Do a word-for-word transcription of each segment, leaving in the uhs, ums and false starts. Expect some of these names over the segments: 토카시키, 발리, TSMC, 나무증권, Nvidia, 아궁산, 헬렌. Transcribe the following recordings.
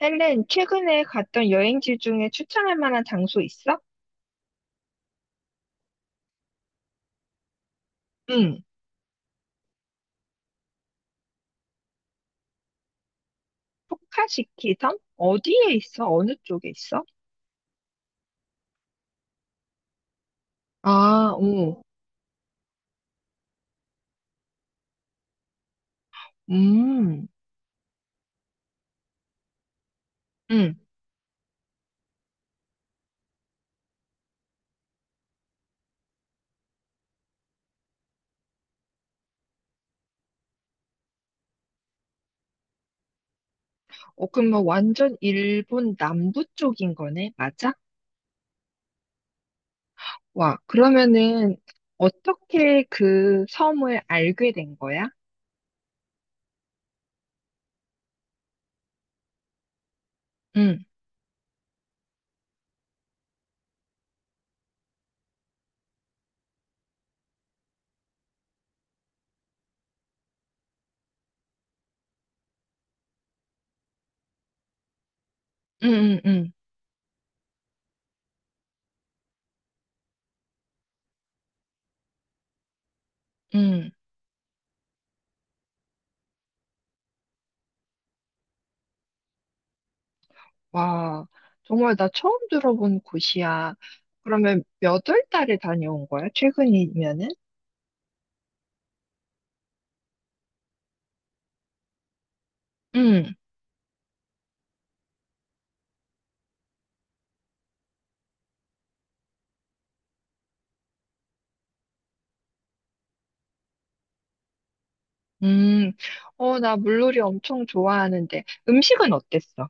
헬렌, 최근에 갔던 여행지 중에 추천할 만한 장소 있어? 응. 토카시키 섬? 어디에 있어? 어느 쪽에 있어? 아, 오. 음. 응. 어, 그럼 뭐 완전 일본 남부 쪽인 거네? 맞아? 와, 그러면은 어떻게 그 섬을 알게 된 거야? 응. 응, 응, 응. 응. 와, 정말 나 처음 들어본 곳이야. 그러면 몇 월 달에 다녀온 거야? 최근이면은? 응. 음. 어, 나 물놀이 엄청 좋아하는데 음식은 어땠어?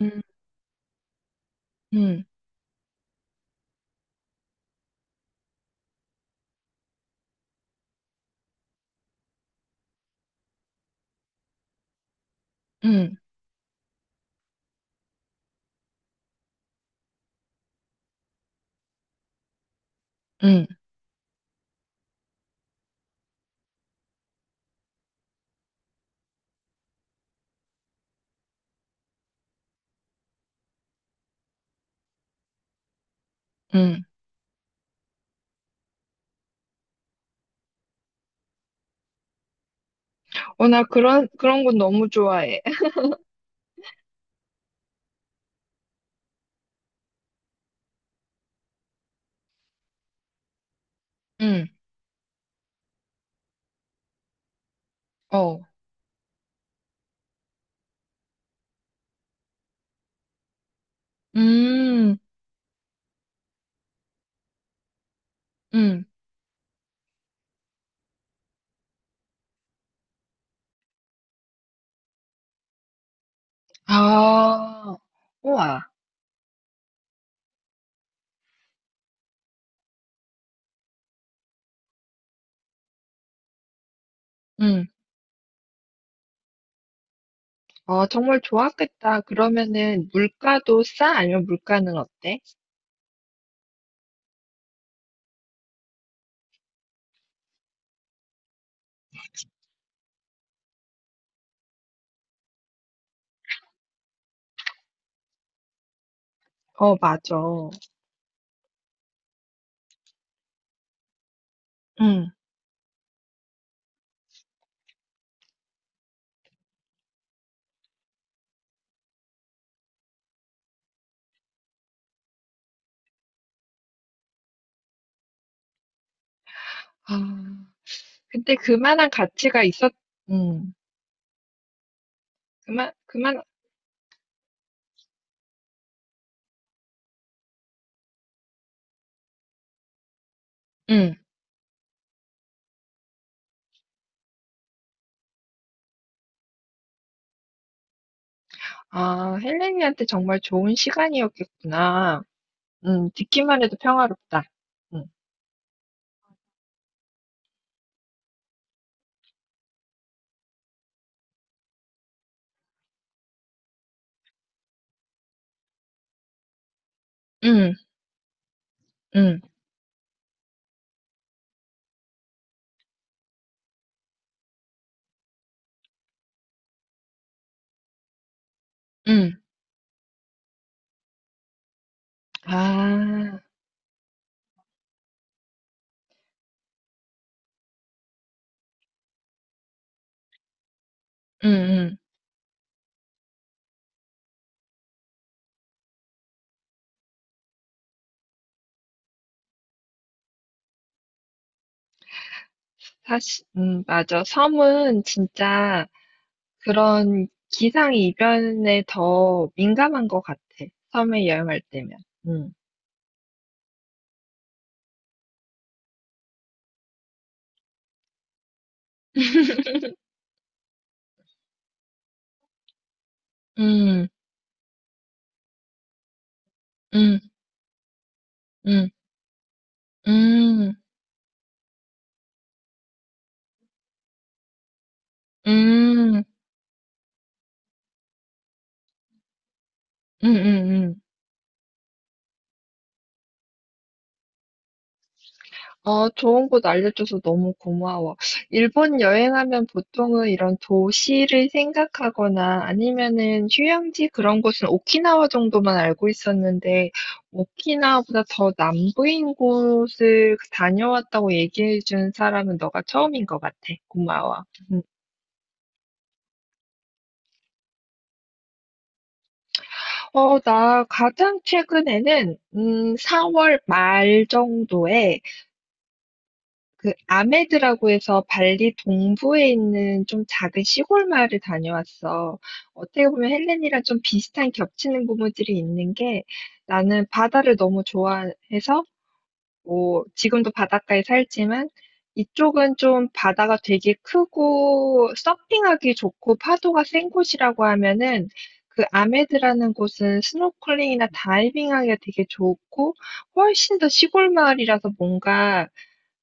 음, 음, 음, 음, 음. 어, 나 그런 그런 건 너무 좋아해. 음, 어, 음, 음. 아, 우와, 음. 어, 정말 좋았겠다. 그러면은 물가도 싸? 아니면 물가는 어때? 어, 맞아. 음. 아, 근데 그만한 가치가 있었. 음, 그만, 그만. 음. 아, 헬렌이한테 정말 좋은 시간이었겠구나. 음. 듣기만 해도 평화롭다. 음. 응, 응, 응. 아. 응, 응. 사실 음 맞아. 섬은 진짜 그런 기상이변에 더 민감한 것 같아. 섬에 여행할 때면. 음. 음, 음, 음, 음, 음, 음, 음, 음. 아, 좋은 곳 알려줘서 너무 고마워. 일본 여행하면 보통은 이런 도시를 생각하거나 아니면은 휴양지 그런 곳은 오키나와 정도만 알고 있었는데, 오키나와보다 더 남부인 곳을 다녀왔다고 얘기해준 사람은 너가 처음인 것 같아. 고마워. 음. 어, 나 가장 최근에는, 음, 사월 말 정도에 그 아메드라고 해서 발리 동부에 있는 좀 작은 시골 마을을 다녀왔어. 어떻게 보면 헬렌이랑 좀 비슷한 겹치는 부분들이 있는 게 나는 바다를 너무 좋아해서 뭐 지금도 바닷가에 살지만 이쪽은 좀 바다가 되게 크고 서핑하기 좋고 파도가 센 곳이라고 하면은 그 아메드라는 곳은 스노클링이나 다이빙하기가 되게 좋고 훨씬 더 시골 마을이라서 뭔가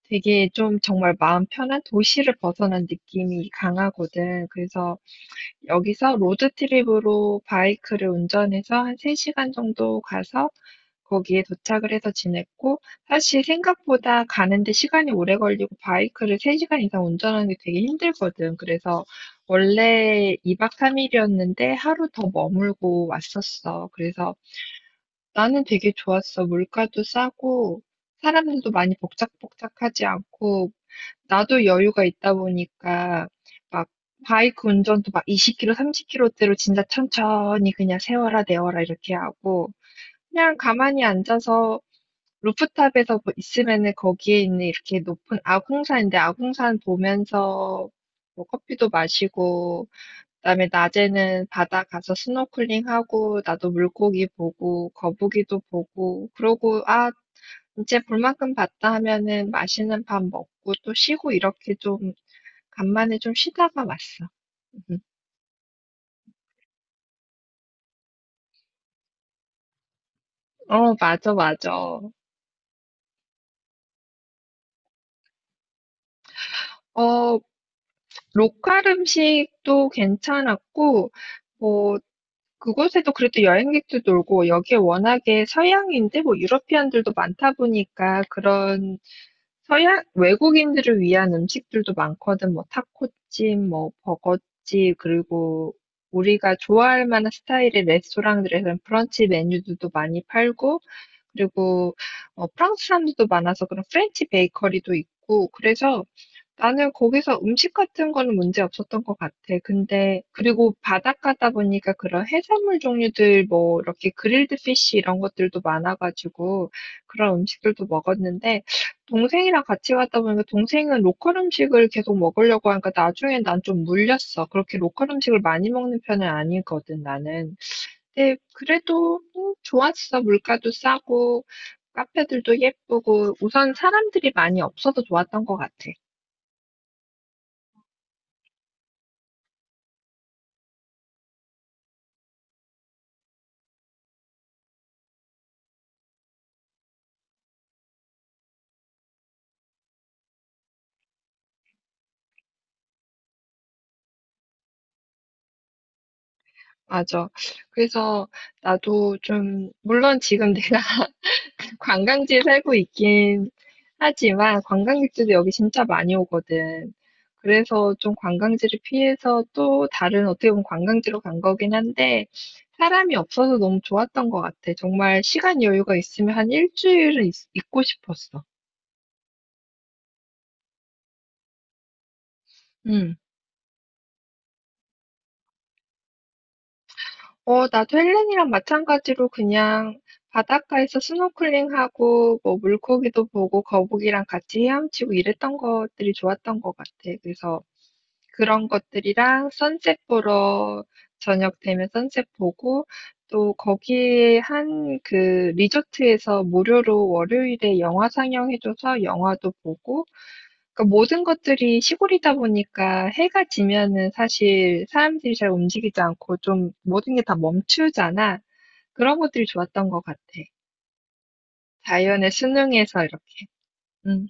되게 좀 정말 마음 편한 도시를 벗어난 느낌이 강하거든. 그래서 여기서 로드트립으로 바이크를 운전해서 한 세 시간 정도 가서 거기에 도착을 해서 지냈고, 사실 생각보다 가는데 시간이 오래 걸리고 바이크를 세 시간 이상 운전하는 게 되게 힘들거든. 그래서 원래 이 박 삼 일이었는데 하루 더 머물고 왔었어. 그래서 나는 되게 좋았어. 물가도 싸고, 사람들도 많이 복작복작하지 않고, 나도 여유가 있다 보니까 막 바이크 운전도 막 이십 킬로미터, 삼십 킬로미터대로 진짜 천천히 그냥 세워라 내워라 이렇게 하고 그냥 가만히 앉아서 루프탑에서 뭐 있으면은 거기에 있는 이렇게 높은 아궁산인데 아궁산 보면서 뭐 커피도 마시고 그다음에 낮에는 바다 가서 스노클링하고 나도 물고기 보고 거북이도 보고 그러고 아 이제 볼 만큼 봤다 하면은 맛있는 밥 먹고 또 쉬고 이렇게 좀 간만에 좀 쉬다가 왔어. 음. 어, 맞아, 맞아. 어, 로컬 음식도 괜찮았고, 뭐, 그곳에도 그래도 여행객도 놀고, 여기에 워낙에 서양인데, 뭐, 유러피안들도 많다 보니까, 그런 서양, 외국인들을 위한 음식들도 많거든. 뭐, 타코집, 뭐, 버거집, 그리고 우리가 좋아할 만한 스타일의 레스토랑들에서는 브런치 메뉴들도 많이 팔고, 그리고 어, 프랑스 사람들도 많아서 그런 프렌치 베이커리도 있고 그래서 나는 거기서 음식 같은 거는 문제 없었던 것 같아. 근데 그리고 바닷가다 보니까 그런 해산물 종류들 뭐 이렇게 그릴드 피쉬 이런 것들도 많아가지고 그런 음식들도 먹었는데 동생이랑 같이 갔다 보니까 동생은 로컬 음식을 계속 먹으려고 하니까 나중에 난 좀 물렸어. 그렇게 로컬 음식을 많이 먹는 편은 아니거든, 나는. 네, 그래도 음, 좋았어. 물가도 싸고, 카페들도 예쁘고, 우선 사람들이 많이 없어서 좋았던 것 같아. 맞아. 그래서 나도 좀, 물론 지금 내가 관광지에 살고 있긴 하지만, 관광객들도 여기 진짜 많이 오거든. 그래서 좀 관광지를 피해서 또 다른 어떻게 보면 관광지로 간 거긴 한데, 사람이 없어서 너무 좋았던 것 같아. 정말 시간 여유가 있으면 한 일주일은 있, 있고 싶었어. 음. 어, 나도 헬렌이랑 마찬가지로 그냥 바닷가에서 스노클링하고 뭐 물고기도 보고 거북이랑 같이 헤엄치고 이랬던 것들이 좋았던 것 같아. 그래서 그런 것들이랑 선셋 보러 저녁 되면 선셋 보고 또 거기에 한 그 리조트에서 무료로 월요일에 영화 상영해줘서 영화도 보고 그 모든 것들이 시골이다 보니까 해가 지면은 사실 사람들이 잘 움직이지 않고 좀 모든 게 다 멈추잖아. 그런 것들이 좋았던 것 같아. 자연의 순응해서 이렇게. 응,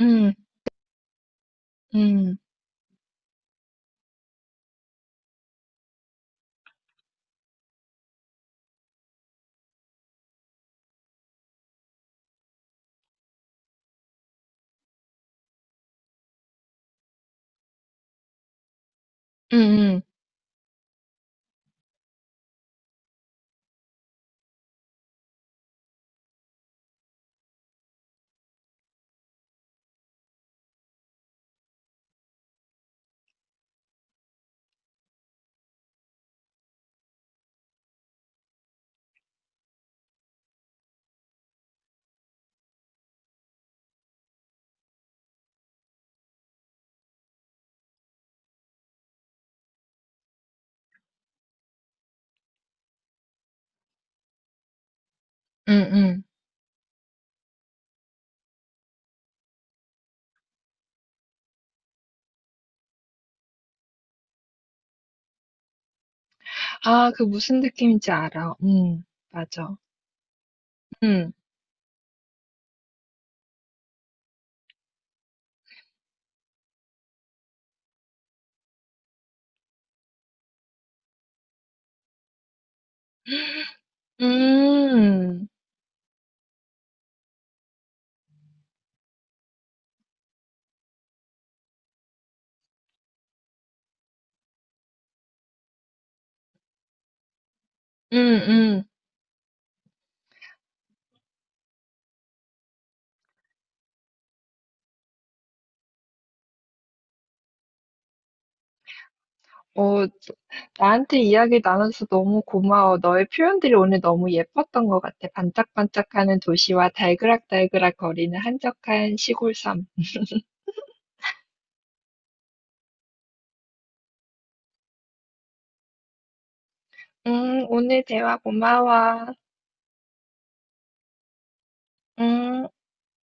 응, 응, 응, 응, 응, 응. 아, 그 무슨 느낌인지 알아. 응, 맞아. 응, 음, 음, 음. 어, 나한테 이야기 나눠서 너무 고마워. 너의 표현들이 오늘 너무 예뻤던 것 같아. 반짝반짝하는 도시와 달그락달그락 거리는 한적한 시골 섬. 음, 오늘 대화 고마워. 음.